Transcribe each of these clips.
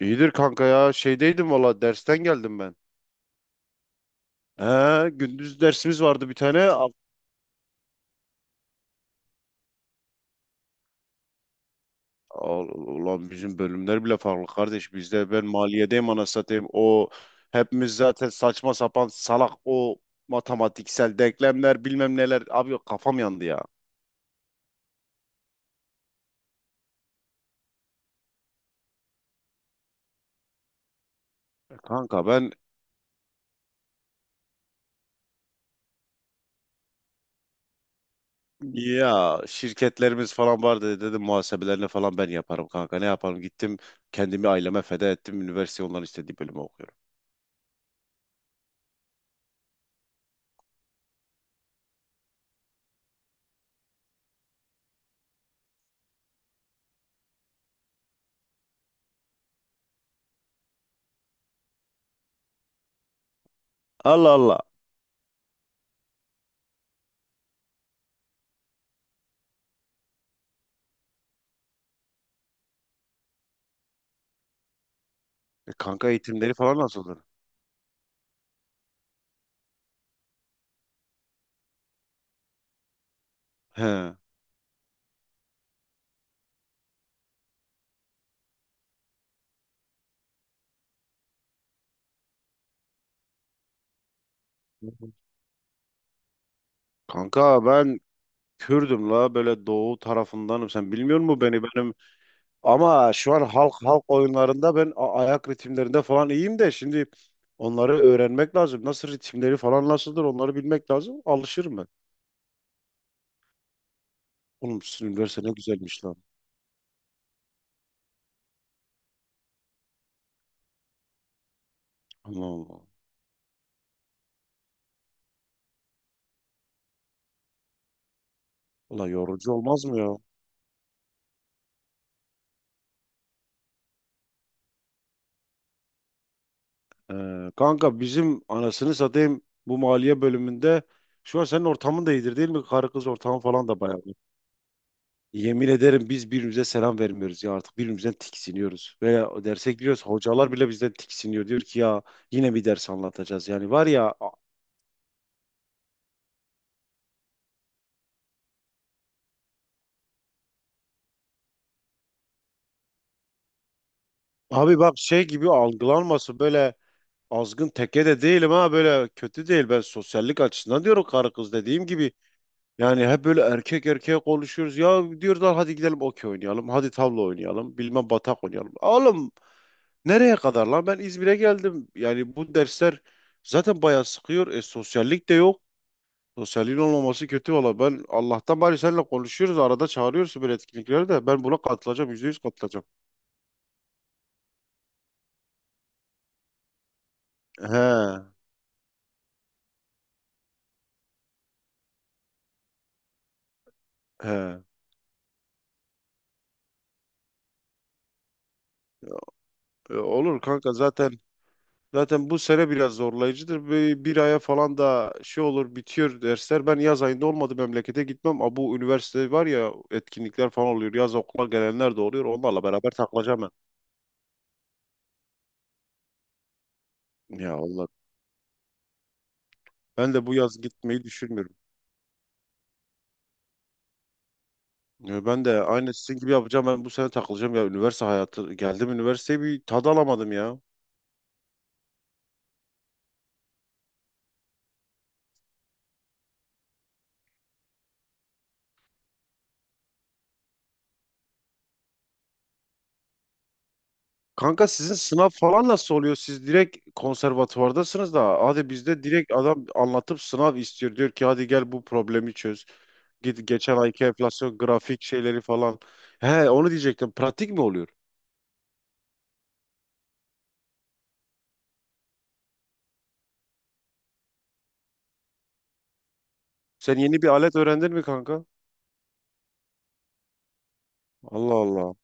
İyidir kanka ya. Şeydeydim valla dersten geldim ben. He, gündüz dersimiz vardı bir tane. Ulan bizim bölümler bile farklı kardeş. Bizde ben maliyedeyim ana satayım. O hepimiz zaten saçma sapan salak o matematiksel denklemler bilmem neler. Abi yok, kafam yandı ya. E kanka ben ya şirketlerimiz falan vardı dedim muhasebelerini falan ben yaparım kanka. Ne yaparım gittim kendimi aileme feda ettim. Üniversite onların istediği bölümü okuyorum. Allah Allah. E, kanka eğitimleri falan nasıldı? He. Kanka ben Kürdüm la böyle doğu tarafındanım. Sen bilmiyor musun beni benim? Ama şu an halk oyunlarında ben ayak ritimlerinde falan iyiyim de şimdi onları öğrenmek lazım. Nasıl ritimleri falan nasıldır onları bilmek lazım. Alışırım ben. Oğlum sizin üniversite ne güzelmiş lan. Allah Allah. Ulan yorucu olmaz mı ya? Kanka bizim anasını satayım bu maliye bölümünde şu an senin ortamın da iyidir değil mi? Karı kız ortamı falan da bayağı. Yemin ederim biz birbirimize selam vermiyoruz ya artık birbirimizden tiksiniyoruz. Ve o derse giriyoruz hocalar bile bizden tiksiniyor. Diyor ki ya yine bir ders anlatacağız. Yani var ya abi bak şey gibi algılanması böyle azgın teke de değilim ha böyle kötü değil. Ben sosyallik açısından diyorum karı kız dediğim gibi. Yani hep böyle erkek erkeğe konuşuyoruz. Ya diyorlar hadi gidelim okey oynayalım. Hadi tavla oynayalım. Bilmem batak oynayalım. Oğlum nereye kadar lan ben İzmir'e geldim. Yani bu dersler zaten bayağı sıkıyor. E sosyallik de yok. Sosyalliğin olmaması kötü valla. Ben Allah'tan bari seninle konuşuyoruz. Arada çağırıyorsun böyle etkinliklere de. Ben buna katılacağım. Yüzde yüz katılacağım. He. He. E, olur kanka zaten. Zaten bu sene biraz zorlayıcıdır. Bir aya falan da şey olur bitiyor dersler. Ben yaz ayında olmadı memlekete gitmem. Ama bu üniversite var ya etkinlikler falan oluyor. Yaz okula gelenler de oluyor. Onlarla beraber takılacağım ben. Ya Allah. Ben de bu yaz gitmeyi düşünmüyorum. Ya ben de aynı sizin gibi yapacağım. Ben bu sene takılacağım ya üniversite hayatı. Geldim üniversiteye bir tad alamadım ya. Kanka sizin sınav falan nasıl oluyor? Siz direkt konservatuvardasınız da hadi bizde direkt adam anlatıp sınav istiyor. Diyor ki hadi gel bu problemi çöz. Git geçen ayki enflasyon grafik şeyleri falan. He onu diyecektim. Pratik mi oluyor? Sen yeni bir alet öğrendin mi kanka? Allah Allah.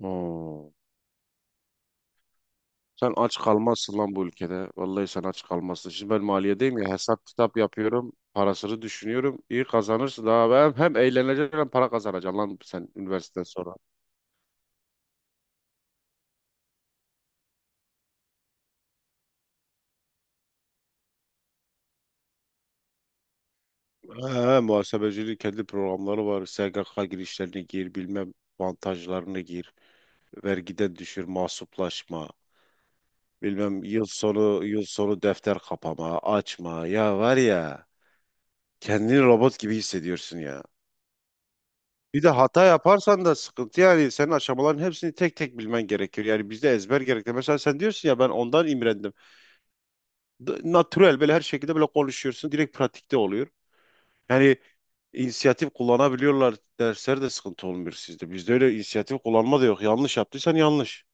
Oo. Sen aç kalmazsın lan bu ülkede. Vallahi sen aç kalmazsın. Şimdi ben maliyedeyim ya hesap kitap yapıyorum. Parasını düşünüyorum. İyi kazanırsın. Daha ben hem eğleneceksin hem para kazanacaksın lan sen üniversiteden sonra. He, muhasebecinin kendi programları var. SGK girişlerini gir, bilmem avantajlarını gir, vergiden düşür, mahsuplaşma, bilmem yıl sonu defter kapama, açma. Ya var ya, kendini robot gibi hissediyorsun ya. Bir de hata yaparsan da sıkıntı yani senin aşamaların hepsini tek tek bilmen gerekiyor. Yani bizde ezber gerekli. Mesela sen diyorsun ya ben ondan imrendim. Natürel böyle her şekilde böyle konuşuyorsun. Direkt pratikte oluyor. Yani inisiyatif kullanabiliyorlar. Dersler de sıkıntı olmuyor sizde. Bizde öyle inisiyatif kullanma da yok. Yanlış yaptıysan yanlış.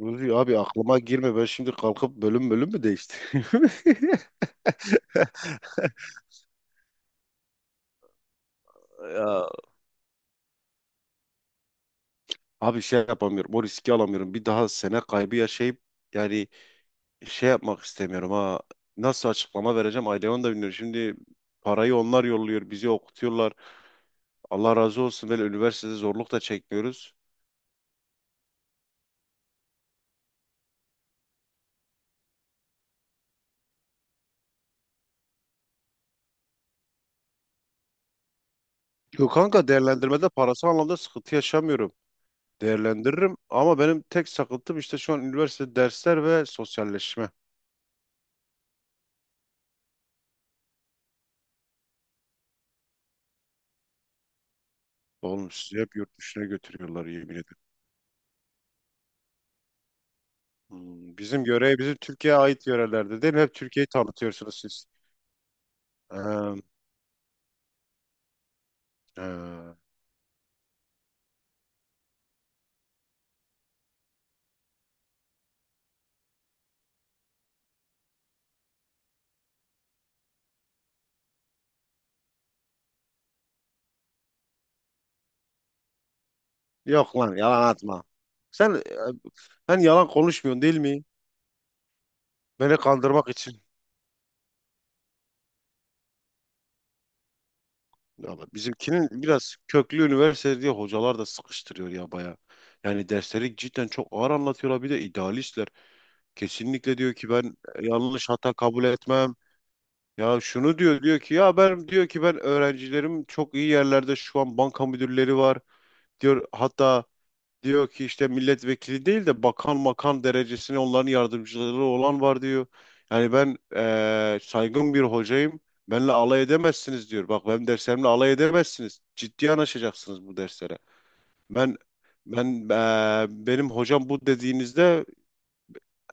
Ruzi abi aklıma girme. Ben şimdi kalkıp bölüm bölüm mü değiştireyim? Ya, abi şey yapamıyorum. O riski alamıyorum. Bir daha sene kaybı yaşayıp yani şey yapmak istemiyorum ha. Nasıl açıklama vereceğim aileme onu da bilmiyorum. Şimdi parayı onlar yolluyor. Bizi okutuyorlar. Allah razı olsun. Böyle üniversitede zorluk da çekmiyoruz. Yok kanka değerlendirmede parası anlamda sıkıntı yaşamıyorum. Değerlendiririm. Ama benim tek sakıntım işte şu an üniversite dersler ve sosyalleşme. Oğlum sizi hep yurt dışına götürüyorlar yemin ederim. Hmm, bizim görev bizim Türkiye'ye ait yörelerde değil mi? Hep Türkiye'yi tanıtıyorsunuz siz. Ee, ee, Yok lan yalan atma. Sen ben yalan konuşmuyorsun değil mi? Beni kandırmak için. Ya bak, bizimkinin biraz köklü üniversite diye hocalar da sıkıştırıyor ya baya. Yani dersleri cidden çok ağır anlatıyorlar. Bir de idealistler. Kesinlikle diyor ki ben yanlış hata kabul etmem. Ya şunu diyor diyor ki ya ben diyor ki ben öğrencilerim çok iyi yerlerde şu an banka müdürleri var. Diyor hatta diyor ki işte milletvekili değil de bakan makan derecesine onların yardımcıları olan var diyor. Yani ben saygın bir hocayım. Benle alay edemezsiniz diyor. Bak benim derslerimle alay edemezsiniz. Ciddi yanaşacaksınız bu derslere. Ben ben benim hocam bu dediğinizde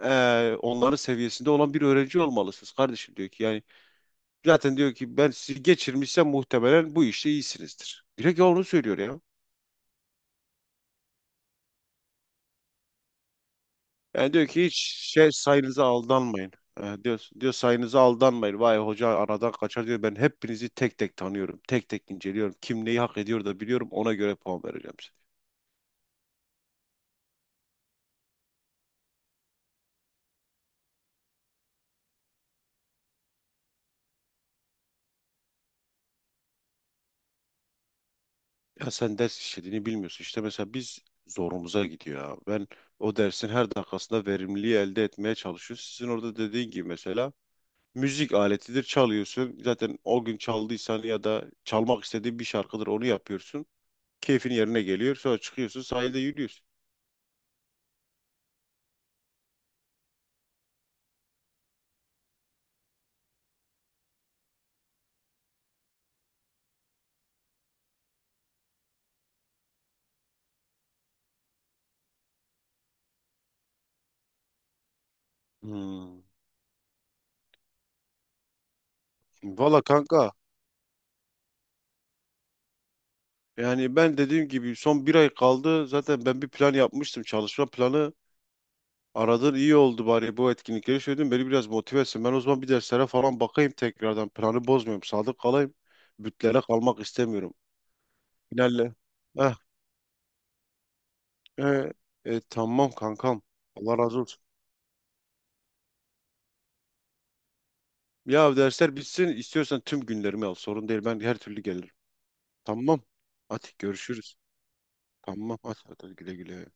onların seviyesinde olan bir öğrenci olmalısınız kardeşim diyor ki yani zaten diyor ki ben sizi geçirmişsem muhtemelen bu işte iyisinizdir. Direkt onu söylüyor ya. Yani diyor ki hiç şey sayınıza aldanmayın. Diyor, diyor sayınıza aldanmayın. Vay hoca aradan kaçar diyor. Ben hepinizi tek tek tanıyorum. Tek tek inceliyorum. Kim neyi hak ediyor da biliyorum. Ona göre puan vereceğim. Ya sen ders işlediğini bilmiyorsun. İşte mesela biz zorumuza gidiyor ya. Ben o dersin her dakikasında verimliliği elde etmeye çalışıyorum. Sizin orada dediğin gibi mesela müzik aletidir çalıyorsun. Zaten o gün çaldıysan ya da çalmak istediğin bir şarkıdır onu yapıyorsun. Keyfin yerine geliyor. Sonra çıkıyorsun sahilde yürüyorsun. Hmm. Valla kanka yani ben dediğim gibi son bir ay kaldı. Zaten ben bir plan yapmıştım. Çalışma planı aradın iyi oldu bari bu etkinlikleri söyledin. Beni biraz motive etsin. Ben o zaman bir derslere falan bakayım tekrardan. Planı bozmuyorum. Sadık kalayım. Bütlere kalmak istemiyorum. Finalle. Eh, eh, tamam kankam. Allah razı olsun. Ya dersler bitsin. İstiyorsan tüm günlerimi al. Sorun değil. Ben her türlü gelirim. Tamam. Hadi görüşürüz. Tamam. Hadi, hadi güle güle.